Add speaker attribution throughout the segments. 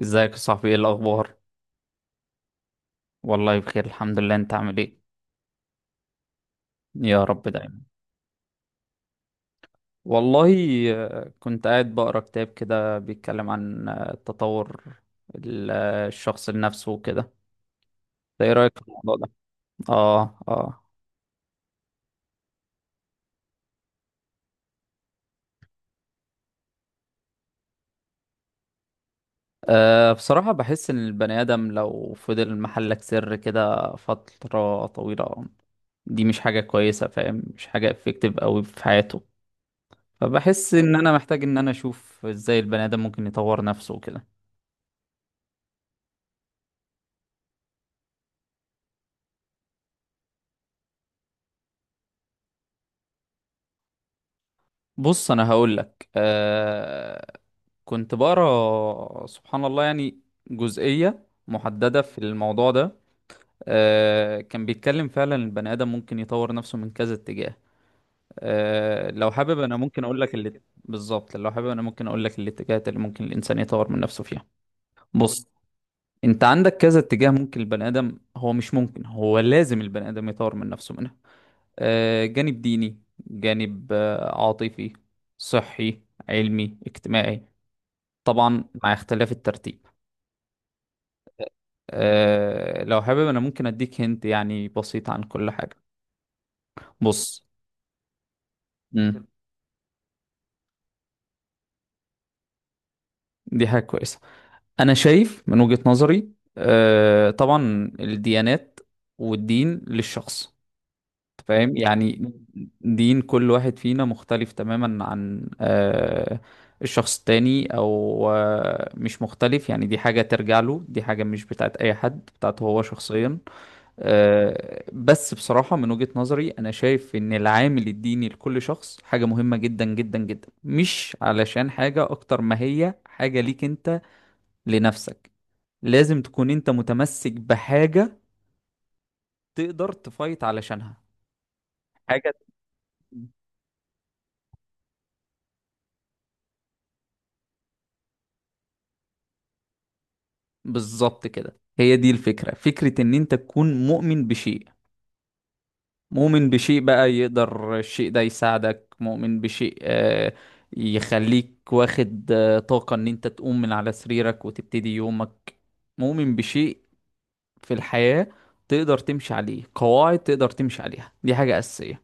Speaker 1: ازيك يا صاحبي؟ ايه الاخبار؟ والله بخير، الحمد لله. انت عامل ايه؟ يا رب دايما. والله. كنت قاعد بقرا كتاب كده بيتكلم عن تطور الشخص لنفسه وكده. انت ايه رايك في الموضوع ده؟ اه، اه. بصراحة بحس إن البني آدم لو فضل محلك سر كده فترة طويلة، دي مش حاجة كويسة. فاهم؟ مش حاجة افكتيف أوي في حياته. فبحس إن أنا محتاج إن أنا أشوف إزاي البني آدم ممكن يطور نفسه وكده. بص، انا هقول لك. كنت بقرا سبحان الله، يعني جزئية محددة في الموضوع ده. كان بيتكلم فعلا البني آدم ممكن يطور نفسه من كذا اتجاه. لو حابب انا ممكن اقول لك اللي بالظبط، لو حابب انا ممكن اقول لك الاتجاهات اللي ممكن الانسان يطور من نفسه فيها. بص، انت عندك كذا اتجاه ممكن البني آدم، هو مش ممكن، هو لازم البني آدم يطور من نفسه منها. جانب ديني، جانب عاطفي، صحي، علمي، اجتماعي. طبعا مع اختلاف الترتيب. لو حابب انا ممكن اديك هنت يعني بسيط عن كل حاجة. بص. مم. دي حاجة كويسة. انا شايف من وجهة نظري، طبعا الديانات والدين للشخص، فاهم يعني؟ دين كل واحد فينا مختلف تماما عن الشخص التاني، او مش مختلف يعني، دي حاجة ترجع له، دي حاجة مش بتاعت اي حد، بتاعته هو شخصيا. بس بصراحة من وجهة نظري انا شايف ان العامل الديني لكل شخص حاجة مهمة جدا جدا جدا، مش علشان حاجة اكتر ما هي حاجة ليك انت، لنفسك. لازم تكون انت متمسك بحاجة تقدر تفايت علشانها، حاجة. بالظبط كده، هي دي الفكرة، فكرة ان انت تكون مؤمن بشيء. مؤمن بشيء بقى يقدر الشيء ده يساعدك، مؤمن بشيء يخليك واخد طاقة ان انت تقوم من على سريرك وتبتدي يومك، مؤمن بشيء في الحياة تقدر تمشي عليه، قواعد تقدر تمشي عليها، دي حاجة أساسية.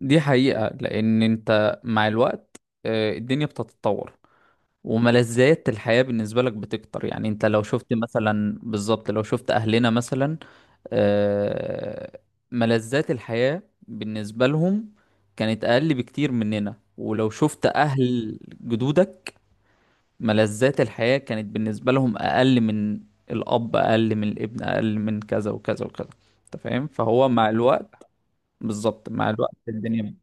Speaker 1: دي حقيقة، لأن أنت مع الوقت الدنيا بتتطور، وملذات الحياة بالنسبة لك بتكتر. يعني أنت لو شفت مثلا، بالظبط لو شفت أهلنا مثلا، آه، ملذات الحياة بالنسبة لهم كانت أقل بكتير مننا. ولو شفت أهل جدودك، ملذات الحياة كانت بالنسبة لهم أقل، من الأب أقل من الابن أقل من كذا وكذا وكذا. أنت فاهم؟ فهو مع الوقت، بالظبط مع الوقت الدنيا.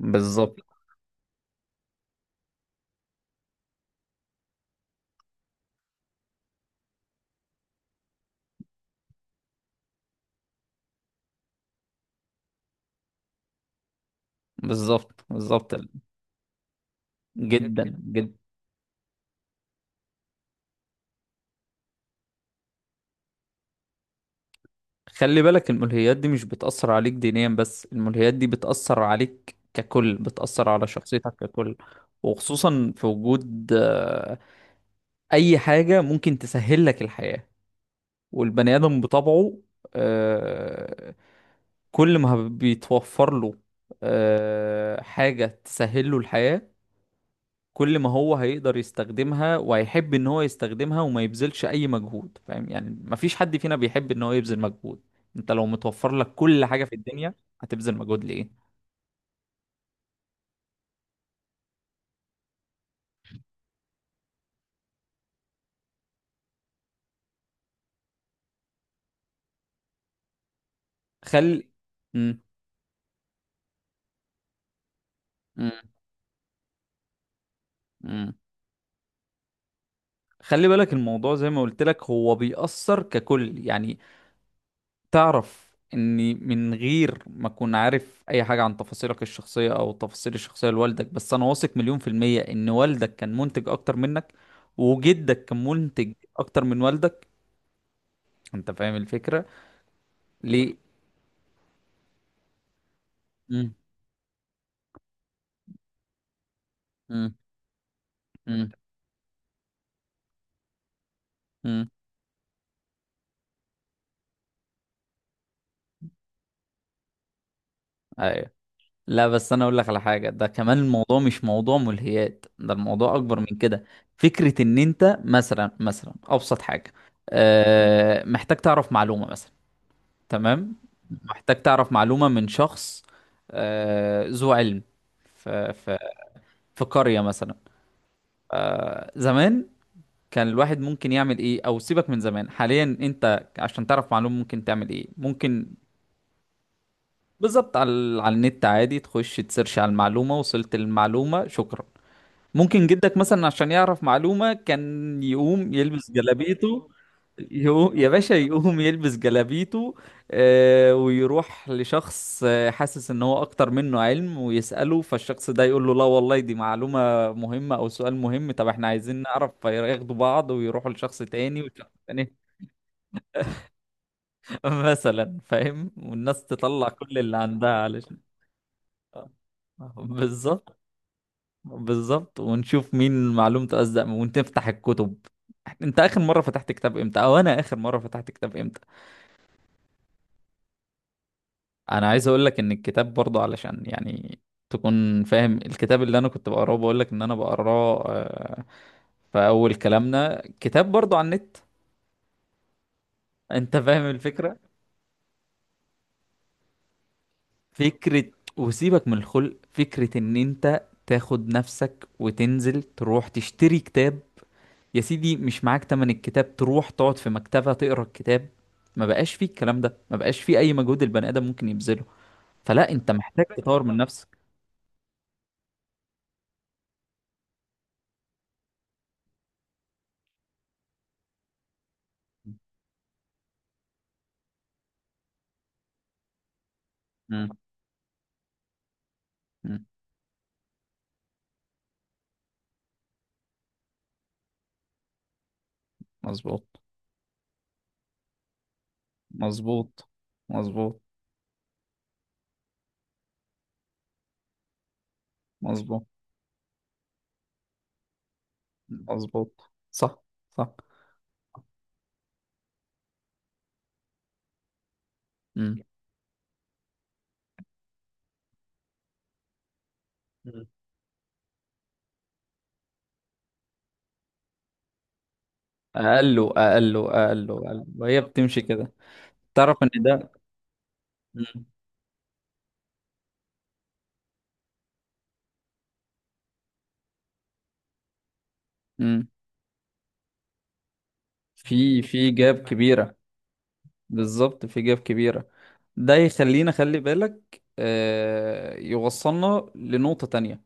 Speaker 1: بالظبط، بالظبط. بالظبط. جدا، جدا. خلي بالك، الملهيات دي مش بتأثر عليك دينيا بس، الملهيات دي بتأثر عليك ككل، بتأثر على شخصيتك ككل. وخصوصا في وجود أي حاجة ممكن تسهل لك الحياة، والبني آدم بطبعه آه، كل ما بيتوفر له حاجة تسهل له الحياة، كل ما هو هيقدر يستخدمها وهيحب ان هو يستخدمها وما يبذلش اي مجهود. فاهم يعني؟ مفيش حد فينا بيحب ان هو يبذل مجهود. انت لو متوفر لك كل حاجة في الدنيا، هتبذل مجهود ليه؟ خل مم. مم. مم. خلي بالك، الموضوع زي ما قلت لك هو بيأثر ككل يعني. تعرف اني من غير ما اكون عارف اي حاجة عن تفاصيلك الشخصية او تفاصيل الشخصية لوالدك، بس انا واثق مليون% ان والدك كان منتج اكتر منك، وجدك كان منتج اكتر من والدك. انت فاهم الفكرة؟ ليه؟ مم. مم. مم. مم. ايوه. لا بس انا اقول لك على حاجة، ده كمان الموضوع مش موضوع ملهيات، ده الموضوع اكبر من كده. فكرة ان انت مثلا ابسط حاجة، أه محتاج تعرف معلومة مثلا. تمام. محتاج تعرف معلومة من شخص، أه ذو علم، في في في قرية مثلا. زمان كان الواحد ممكن يعمل ايه؟ او سيبك من زمان، حاليا انت عشان تعرف معلومة ممكن تعمل ايه؟ ممكن. بالظبط، على النت عادي، تخش تسيرش على المعلومة، وصلت المعلومة، شكرا. ممكن جدك مثلا عشان يعرف معلومة كان يقوم يلبس جلابيته. يقوم يا باشا، يقوم يلبس جلابيته ويروح لشخص حاسس ان هو اكتر منه علم ويسأله، فالشخص ده يقول له لا والله دي معلومة مهمة او سؤال مهم، طب احنا عايزين نعرف، فياخدوا بعض ويروحوا لشخص تاني، والشخص التاني مثلا، فاهم؟ والناس تطلع كل اللي عندها علشان بالظبط، بالظبط، ونشوف مين معلومته أصدق ونفتح الكتب. انت اخر مره فتحت كتاب امتى؟ او انا اخر مره فتحت كتاب امتى؟ انا عايز اقول لك ان الكتاب برضه، علشان يعني تكون فاهم، الكتاب اللي انا كنت بقراه بقول لك ان انا بقراه في اول كلامنا، كتاب برضه عن النت. انت فاهم الفكره؟ فكره، وسيبك من الخلق، فكره ان انت تاخد نفسك وتنزل تروح تشتري كتاب. يا سيدي مش معاك تمن الكتاب، تروح تقعد في مكتبة تقرا الكتاب. ما بقاش فيه الكلام ده، ما بقاش فيه اي مجهود البني ادم ممكن يبذله. فلا، انت محتاج تطور من نفسك. مم. مم. مظبوط، مظبوط، مظبوط، مظبوط، مظبوط، صح. صح. مم. مم. اقله، اقله، اقله، اقله، وهي بتمشي كده. تعرف ان ده، مم. مم. في جاب كبيرة. بالظبط، في جاب كبيرة. ده يخلينا، خلي بالك يوصلنا لنقطة تانية.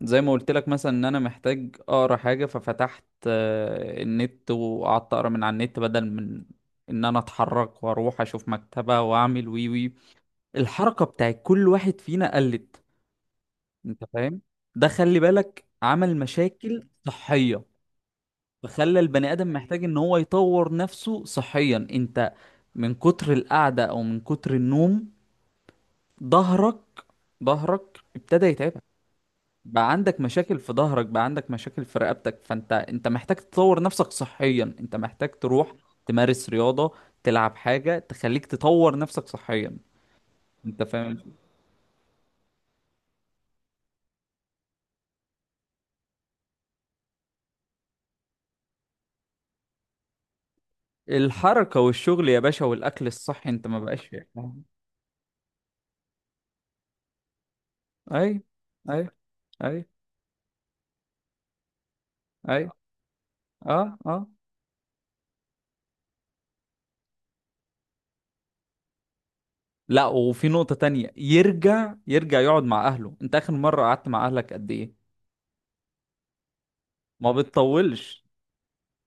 Speaker 1: زي ما قلت لك مثلا ان انا محتاج اقرا حاجة، ففتحت النت وقعدت اقرا من على النت بدل من ان انا اتحرك واروح اشوف مكتبة واعمل وي وي. الحركة بتاعت كل واحد فينا قلت. انت فاهم؟ ده خلي بالك، عمل مشاكل صحية. فخلى البني ادم محتاج ان هو يطور نفسه صحيا. انت من كتر القعدة او من كتر النوم، ظهرك ظهرك ابتدى يتعبك، بقى عندك مشاكل في ظهرك، بقى عندك مشاكل في رقبتك، فانت محتاج تطور نفسك صحيا، انت محتاج تروح تمارس رياضة، تلعب حاجة تخليك تطور نفسك صحيا. انت فاهم؟ الحركة والشغل يا باشا، والاكل الصحي انت ما بقاش فيه. اي، اي، اي، اي. اه، اه. لا، وفي نقطة تانية يرجع يقعد مع اهله. انت اخر مرة قعدت مع اهلك قد ايه؟ ما بتطولش.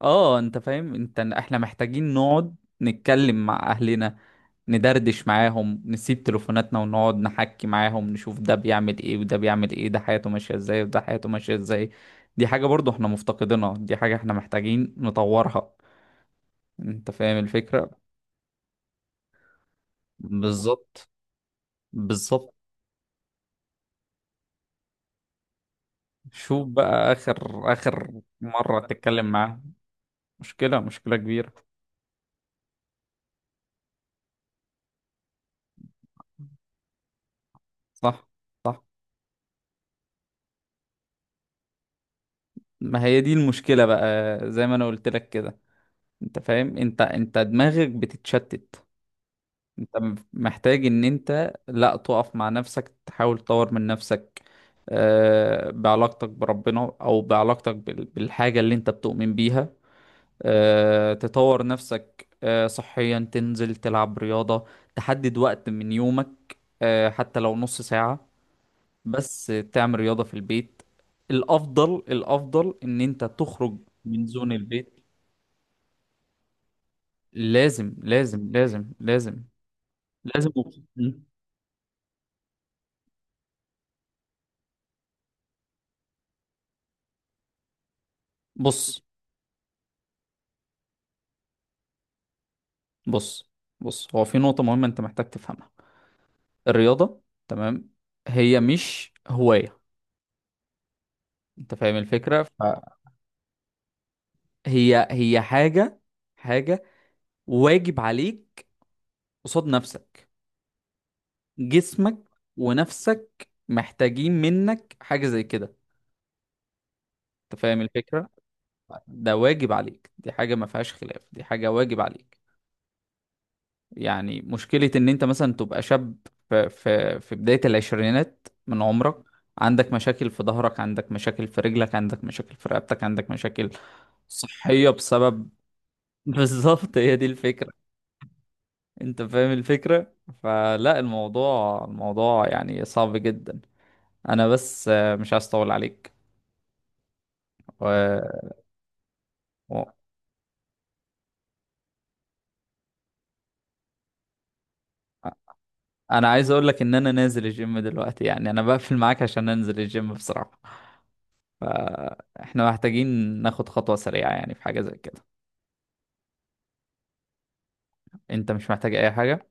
Speaker 1: اه، انت فاهم؟ انت احنا محتاجين نقعد نتكلم مع اهلنا، ندردش معاهم، نسيب تليفوناتنا ونقعد نحكي معاهم، نشوف ده بيعمل ايه وده بيعمل ايه، ده حياته ماشية ازاي وده حياته ماشية ازاي. دي حاجة برضو احنا مفتقدينها، دي حاجة احنا محتاجين نطورها. انت فاهم الفكرة؟ بالظبط، بالظبط. شوف بقى، اخر مرة تتكلم معاه، مشكلة، مشكلة كبيرة. صح، صح. ما هي دي المشكلة بقى، زي ما انا قلت لك كده. انت فاهم؟ انت دماغك بتتشتت. انت محتاج ان انت لا تقف مع نفسك، تحاول تطور من نفسك بعلاقتك بربنا او بعلاقتك بالحاجة اللي انت بتؤمن بيها، تطور نفسك صحيا، تنزل تلعب رياضة، تحدد وقت من يومك حتى لو نص ساعة بس، تعمل رياضة في البيت. الافضل ان انت تخرج من زون البيت. لازم، لازم، لازم، لازم، لازم. بص. بص، بص، هو في نقطة مهمة انت محتاج تفهمها. الرياضة، تمام، هي مش هواية. انت فاهم الفكرة؟ فهي حاجة واجب عليك. قصاد نفسك، جسمك ونفسك محتاجين منك حاجة زي كده. انت فاهم الفكرة؟ ده واجب عليك، دي حاجة ما فيهاش خلاف، دي حاجة واجب عليك. يعني مشكلة ان انت مثلا تبقى شاب في بداية العشرينات من عمرك، عندك مشاكل في ظهرك، عندك مشاكل في رجلك، عندك مشاكل في رقبتك، عندك مشاكل صحية بسبب... بالظبط، هي دي الفكرة. انت فاهم الفكرة؟ فلا، الموضوع يعني صعب جدا. انا بس مش عايز اطول عليك. و... و... انا عايز اقول لك ان انا نازل الجيم دلوقتي، يعني انا بقفل معاك عشان انزل الجيم بصراحة. فاحنا محتاجين ناخد خطوة سريعة يعني في حاجة زي كده. انت مش محتاج اي حاجة.